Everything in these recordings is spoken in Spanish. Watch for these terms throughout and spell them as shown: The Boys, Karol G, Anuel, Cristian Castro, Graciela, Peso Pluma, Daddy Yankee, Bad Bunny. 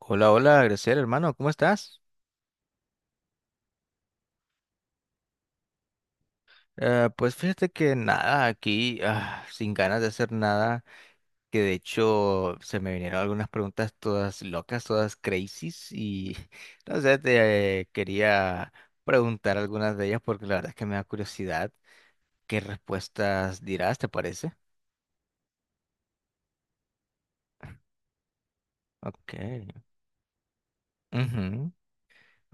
Hola, hola, Graciela, hermano, ¿cómo estás? Pues fíjate que nada, aquí sin ganas de hacer nada, que de hecho se me vinieron algunas preguntas todas locas, todas crazies y no sé, te quería preguntar algunas de ellas porque la verdad es que me da curiosidad qué respuestas dirás, ¿te parece? Ok. Ujú.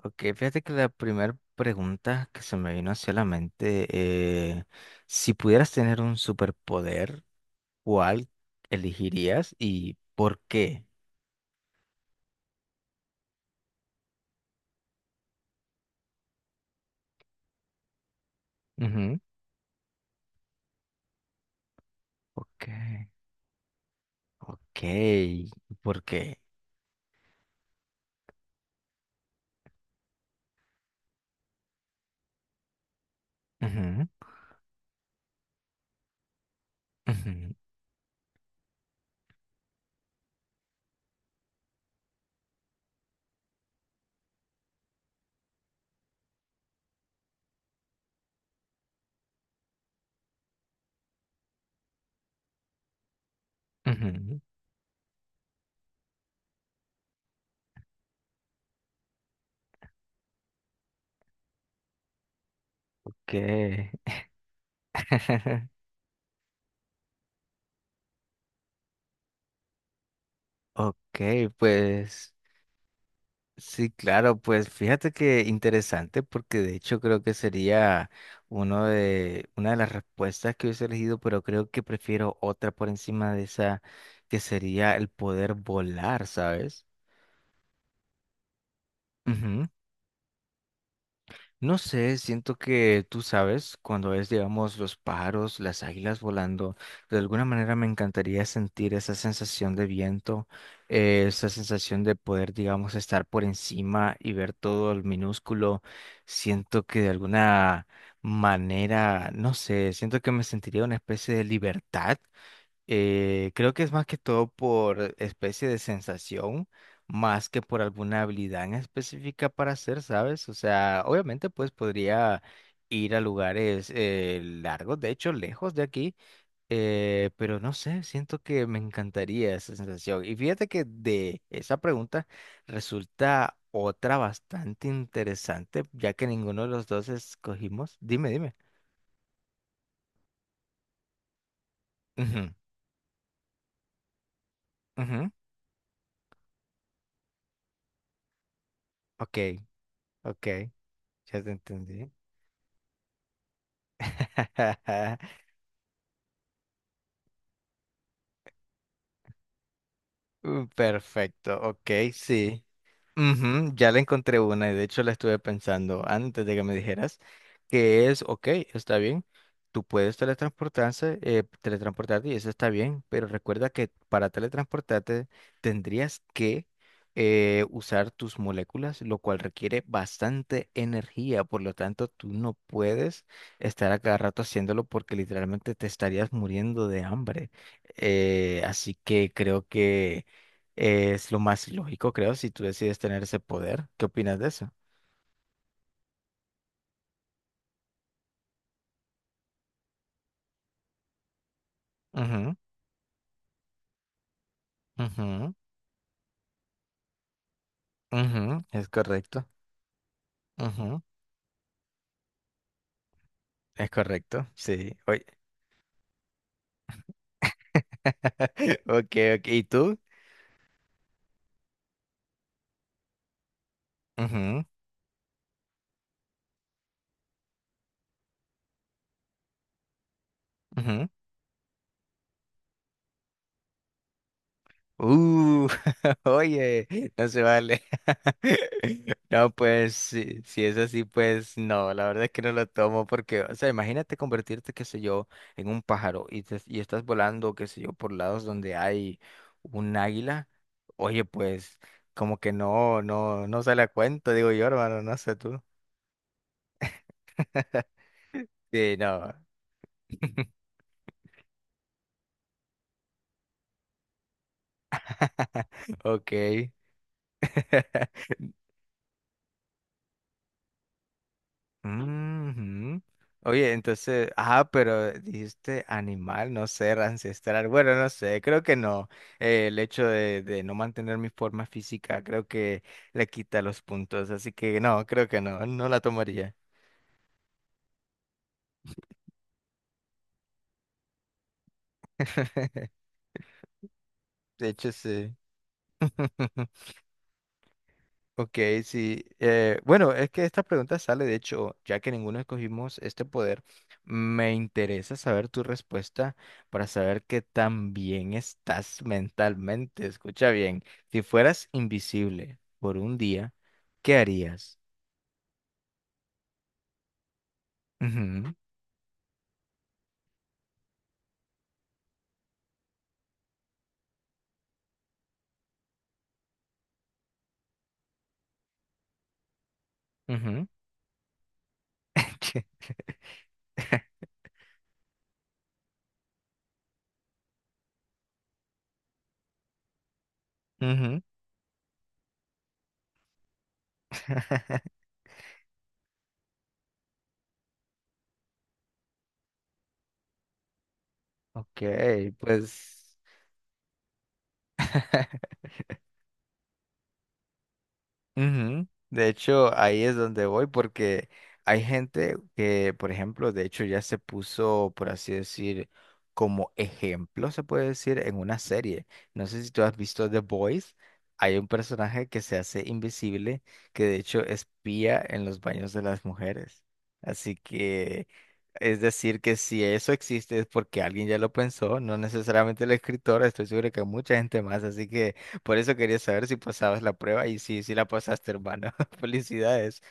Ok, fíjate que la primera pregunta que se me vino hacia la mente, si pudieras tener un superpoder, ¿cuál elegirías y por qué? Ujú. Ok. Ok, ¿por qué? Ujú, ujú, ujú. Ok. Ok, pues sí, claro, pues fíjate que interesante porque de hecho creo que sería una de las respuestas que hubiese elegido, pero creo que prefiero otra por encima de esa, que sería el poder volar, ¿sabes? No sé, siento que tú sabes, cuando ves, digamos, los pájaros, las águilas volando, de alguna manera me encantaría sentir esa sensación de viento, esa sensación de poder, digamos, estar por encima y ver todo el minúsculo. Siento que de alguna manera, no sé, siento que me sentiría una especie de libertad. Creo que es más que todo por especie de sensación, más que por alguna habilidad en específica para hacer, ¿sabes? O sea, obviamente pues podría ir a lugares largos, de hecho lejos de aquí, pero no sé, siento que me encantaría esa sensación. Y fíjate que de esa pregunta resulta otra bastante interesante, ya que ninguno de los dos escogimos. Dime, dime. Ujú, ujú. Ok, ok, ya te entendí. Perfecto, ok, sí. Ujú, ya le encontré una y de hecho la estuve pensando antes de que me dijeras que es, ok, está bien, tú puedes teletransportarse, teletransportarte y eso está bien, pero recuerda que para teletransportarte tendrías que usar tus moléculas, lo cual requiere bastante energía, por lo tanto tú no puedes estar a cada rato haciéndolo porque literalmente te estarías muriendo de hambre. Así que creo que... es lo más lógico, creo, si tú decides tener ese poder. ¿Qué opinas de eso? Ujú, ujú, ujú, es correcto. Ujú, es correcto. Sí. Oye. Ok, ok. ¿Y tú? Ujú, ujú. Uh, oye, no se vale. No, pues si, si es así, pues no, la verdad es que no lo tomo porque, o sea, imagínate convertirte, qué sé yo, en un pájaro y, y estás volando, qué sé yo, por lados donde hay un águila. Oye, pues como que no, no, no sale a cuento, digo yo, hermano, no sé tú. Sí, no. Ok. Ujú. Oye, entonces, ah, pero dijiste animal, no ser ancestral. Bueno, no sé, creo que no. El hecho de no mantener mi forma física, creo que le quita los puntos. Así que no, creo que no, no la tomaría. De hecho, sí. Ok, sí. Bueno, es que esta pregunta sale, de hecho, ya que ninguno escogimos este poder, me interesa saber tu respuesta para saber qué tan bien estás mentalmente. Escucha bien, si fueras invisible por un día, ¿qué harías? Ujú, ujú, ujú. Ok, pues... Ujú. De hecho, ahí es donde voy porque hay gente que, por ejemplo, de hecho ya se puso, por así decir, como ejemplo, se puede decir, en una serie. No sé si tú has visto The Boys. Hay un personaje que se hace invisible, que de hecho espía en los baños de las mujeres. Así que, es decir, que si eso existe es porque alguien ya lo pensó, no necesariamente el escritor, estoy seguro que mucha gente más. Así que... por eso quería saber si pasabas la prueba y sí, sí la pasaste, hermano. Felicidades.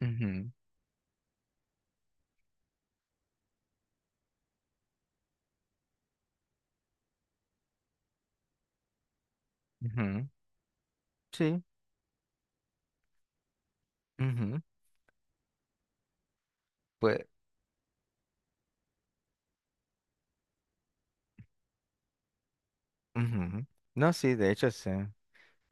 Ujú, ujú, sí. Ujú, pues, ujú. No, sí, de hecho sí.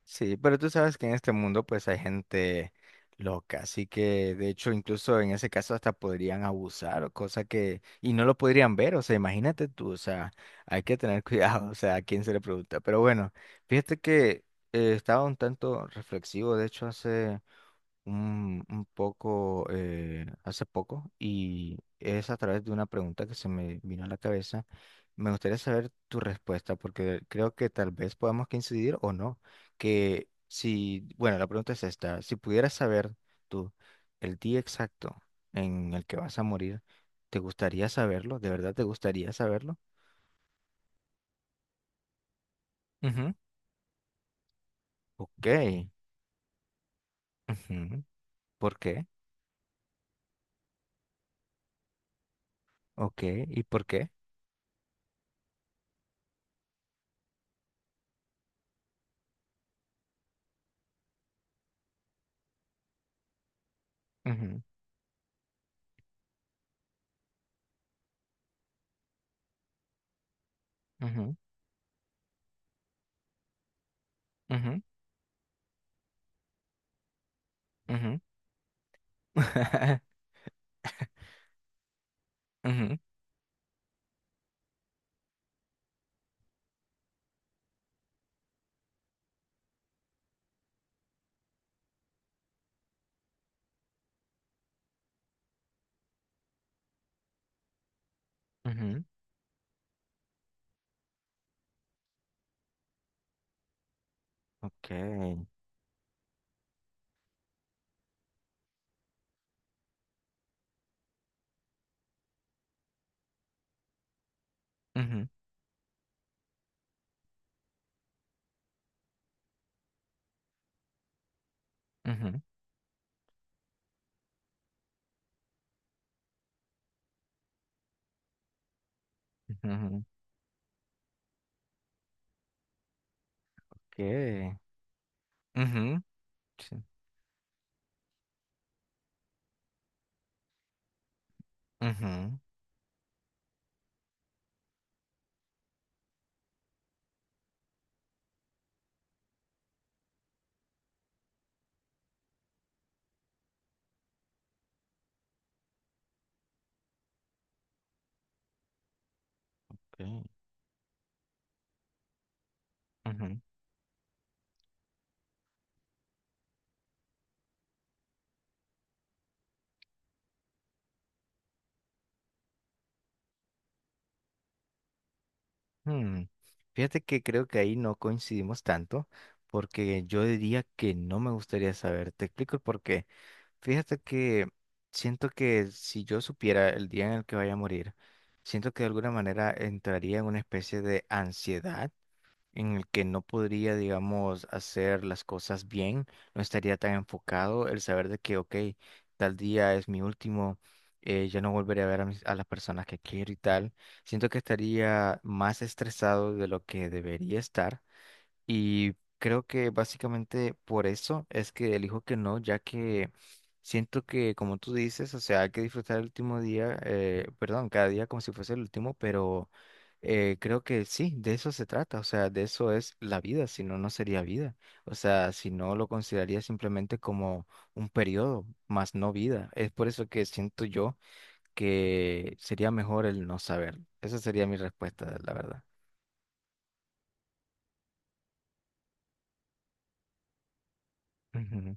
Sí, pero tú sabes que en este mundo pues hay gente loca, así que de hecho incluso en ese caso hasta podrían abusar o cosa que y no lo podrían ver, o sea, imagínate tú, o sea, hay que tener cuidado, o sea, a quién se le pregunta. Pero bueno, fíjate que estaba un tanto reflexivo, de hecho hace un poco hace poco y es a través de una pregunta que se me vino a la cabeza. Me gustaría saber tu respuesta porque creo que tal vez podamos coincidir o no. Que si, bueno, la pregunta es esta, si pudieras saber tú el día exacto en el que vas a morir, ¿te gustaría saberlo? ¿De verdad te gustaría saberlo? Ujú, ok. Ujú, ¿por qué? Ok. ¿Y por qué? Ujú, ujú, ujú, ujú. Ujú, ujú, ok, ujú, ujú, ujú, ok, ujú, sí, ujú, ok, ujú, hmm. Fíjate que creo que ahí no coincidimos tanto, porque yo diría que no me gustaría saber. Te explico el por qué. Fíjate que siento que si yo supiera el día en el que vaya a morir, siento que de alguna manera entraría en una especie de ansiedad en el que no podría, digamos, hacer las cosas bien, no estaría tan enfocado el saber de que, ok, tal día es mi último, ya no volveré a ver a, a las personas que quiero y tal. Siento que estaría más estresado de lo que debería estar y creo que básicamente por eso es que elijo que no, ya que siento que, como tú dices, o sea, hay que disfrutar el último día, perdón, cada día como si fuese el último, pero creo que sí, de eso se trata, o sea, de eso es la vida, si no, no sería vida. O sea, si no, lo consideraría simplemente como un periodo, más no vida. Es por eso que siento yo que sería mejor el no saber. Esa sería mi respuesta, la verdad. Ujú.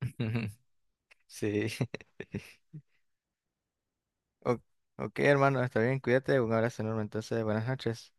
Sí. O- ok, hermano, está bien, cuídate, un abrazo enorme. Entonces, buenas noches.